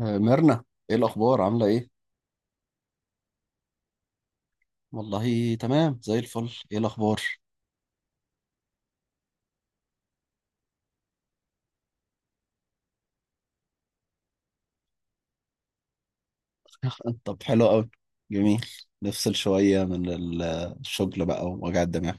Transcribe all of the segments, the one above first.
آه، ميرنا. ايه الاخبار؟ عامله ايه؟ والله تمام زي الفل. ايه الاخبار؟ طب حلو قوي. جميل. نفصل شويه من الشغل بقى ووجع الدماغ.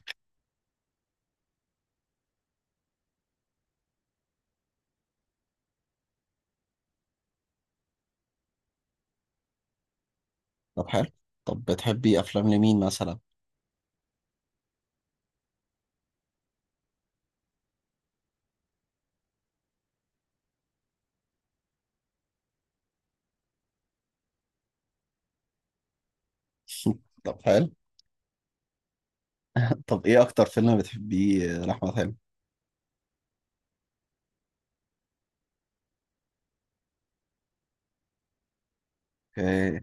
طب حلو. طب بتحبي افلام لمين مثلا؟ طب حلو. طب ايه اكتر فيلم بتحبيه لاحمد حلمي؟ أوكي.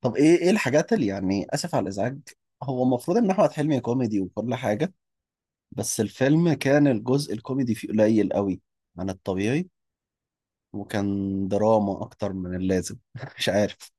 طب ايه الحاجات اللي يعني اسف على الازعاج؟ هو المفروض ان احمد حلمي كوميدي وكل حاجه، بس الفيلم كان الجزء الكوميدي فيه قليل قوي عن الطبيعي. وكان دراما اكتر من اللازم. مش عارف.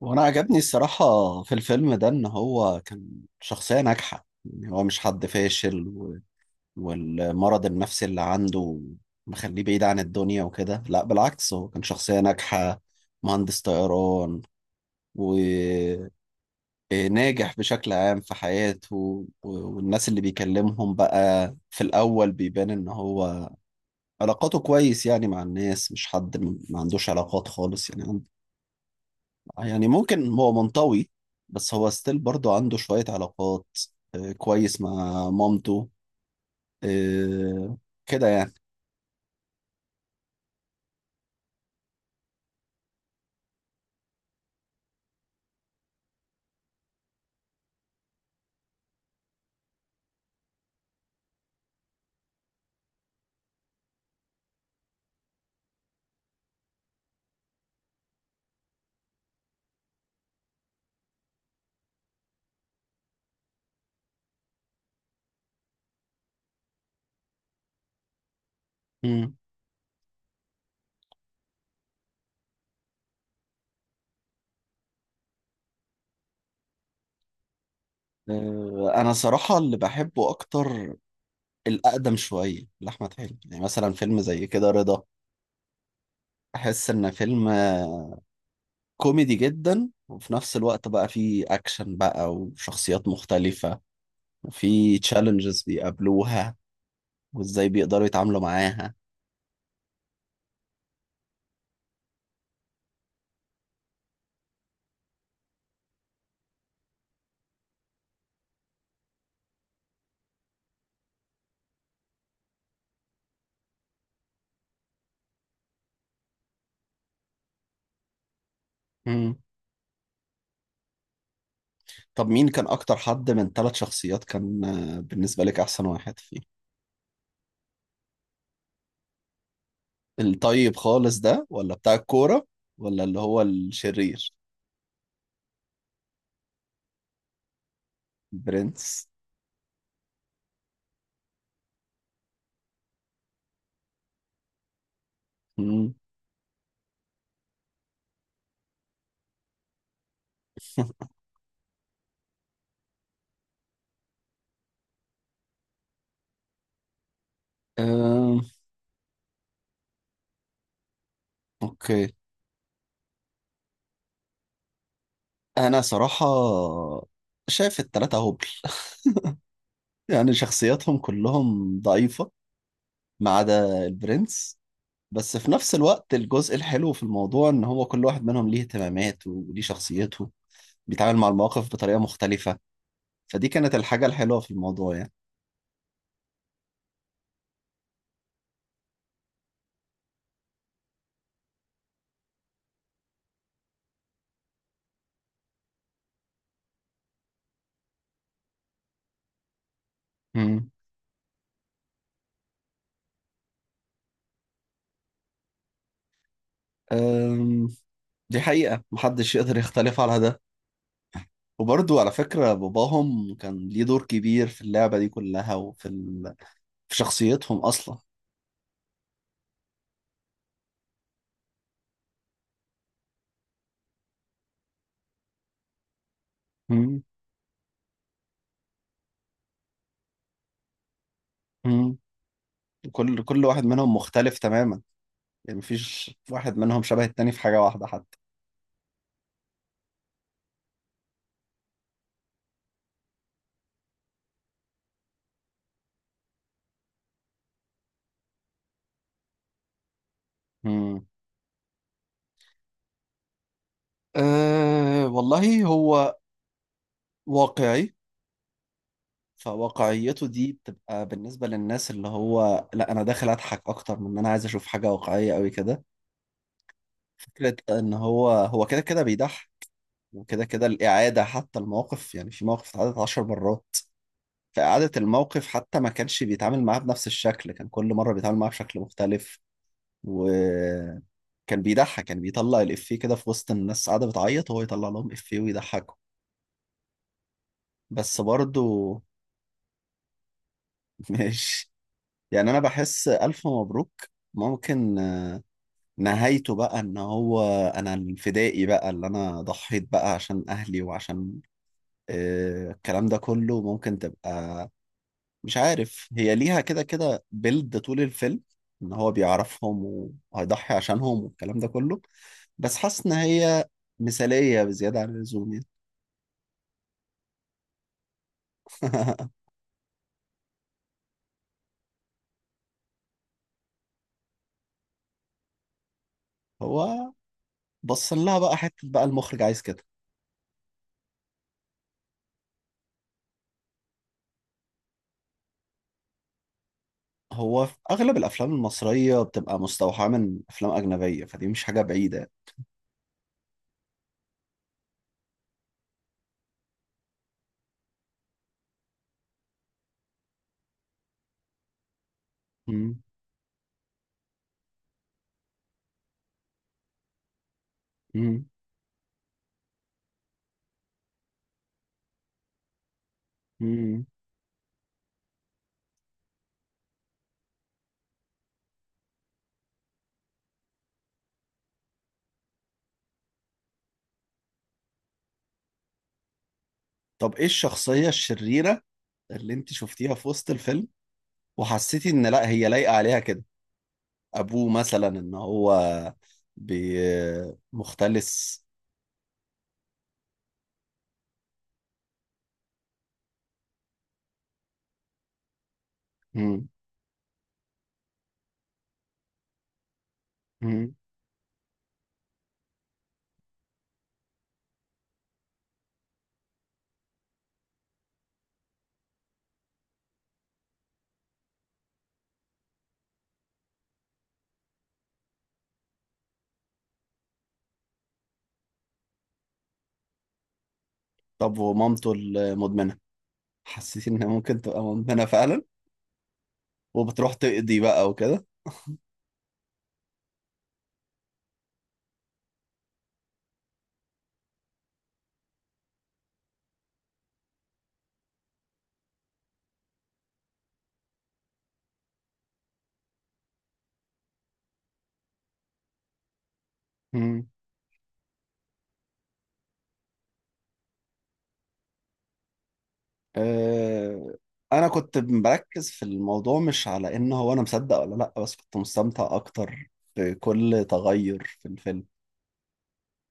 وانا عجبني الصراحة في الفيلم ده ان هو كان شخصية ناجحة، يعني هو مش حد فاشل والمرض النفسي اللي عنده مخليه بعيد عن الدنيا وكده. لا بالعكس، هو كان شخصية ناجحة، مهندس طيران وناجح بشكل عام في حياته والناس اللي بيكلمهم بقى في الأول بيبان ان هو علاقاته كويس، يعني مع الناس مش حد ما عندوش علاقات خالص يعني. آه، يعني ممكن هو منطوي، بس هو ستيل برضه عنده شوية علاقات. آه، كويس مع مامته. آه، كده يعني. مم. آه، أنا صراحة اللي بحبه أكتر الأقدم شوية لأحمد حلمي، يعني مثلا فيلم زي كده رضا. أحس إن فيلم كوميدي جدا، وفي نفس الوقت بقى فيه أكشن بقى وشخصيات مختلفة وفيه تشالنجز بيقابلوها وإزاي بيقدروا يتعاملوا معاها. مم. طب مين كان اكتر حد من ثلاث شخصيات كان بالنسبة لك احسن واحد فيه؟ الطيب خالص ده، ولا بتاع الكورة، ولا اللي هو الشرير؟ برنس. مم. أم، اوكي. انا صراحة شايف التلاتة هبل، يعني شخصياتهم كلهم ضعيفة ما عدا البرنس. بس في نفس الوقت الجزء الحلو في الموضوع ان هو كل واحد منهم ليه اهتمامات وليه شخصيته، بيتعامل مع المواقف بطريقة مختلفة. فدي كانت الحاجة الحلوة في الموضوع يعني. مم. أم، دي حقيقة محدش يقدر يختلف على ده. وبرضو على فكرة باباهم كان ليه دور كبير في اللعبة دي كلها وفي... ال... في شخصيتهم أصلا. مم. مم. كل واحد منهم مختلف تماما، يعني مفيش واحد منهم شبه التاني في حاجة واحدة حتى. مم. أه والله هو واقعي. فواقعيته دي بتبقى بالنسبة للناس اللي هو لا، أنا داخل أضحك أكتر من إن أنا عايز أشوف حاجة واقعية أوي كده. فكرة إن هو هو كده كده بيضحك، وكده كده الإعادة حتى الموقف، يعني في مواقف اتعادت 10 مرات. فإعادة الموقف حتى ما كانش بيتعامل معاه بنفس الشكل، كان كل مرة بيتعامل معاه بشكل مختلف. وكان بيضحك، كان بيطلع الإفيه كده في وسط الناس قاعدة بتعيط وهو يطلع لهم إفيه ويضحكهم. بس برضه. مش، يعني أنا بحس ألف مبروك ممكن نهايته بقى إن هو أنا الفدائي بقى اللي أنا ضحيت بقى عشان أهلي وعشان الكلام ده كله ممكن تبقى. مش عارف، هي ليها كده كده بيلد طول الفيلم ان هو بيعرفهم وهيضحي عشانهم والكلام ده كله. بس حاسس ان هي مثالية بزيادة عن اللزوم يعني. هو بص لها بقى حتة بقى المخرج عايز كده. هو في اغلب الافلام المصرية بتبقى مستوحاة من افلام اجنبية، فدي مش حاجة بعيدة يعني. مم. مم. مم. طب ايه الشخصية الشريرة اللي انت شفتيها في وسط الفيلم وحسيتي ان لا هي لايقة عليها كده؟ ابوه مثلا ان هو بي مختلس. مم. مم. طب ومامته المدمنة، حسيت انها ممكن تبقى مدمنة فعلا وبتروح تقضي بقى وكده؟ مم. أه... انا كنت مركز في الموضوع مش على ان هو انا مصدق ولا لا، بس كنت مستمتع اكتر بكل تغير في الفيلم.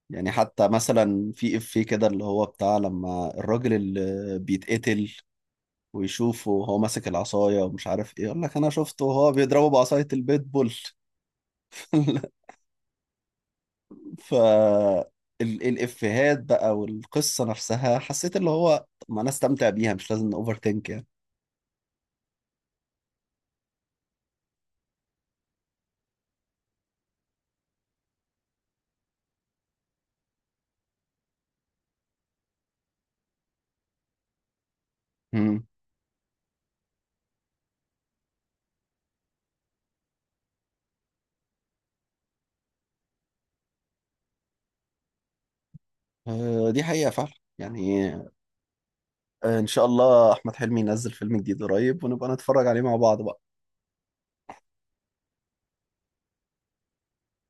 يعني حتى مثلا في افيه كده اللي هو بتاع لما الراجل اللي بيتقتل ويشوفه وهو ماسك العصاية ومش عارف ايه، يقول لك انا شفته وهو بيضربه بعصاية البيت بول. ف الافيهات بقى والقصة نفسها حسيت اللي هو طب ما انا استمتع بيها مش لازم اوفر ثينك يعني. مم. آه، دي حقيقة فعلا. يعني ان شاء الله احمد حلمي ينزل فيلم جديد قريب ونبقى نتفرج عليه مع بعض بقى.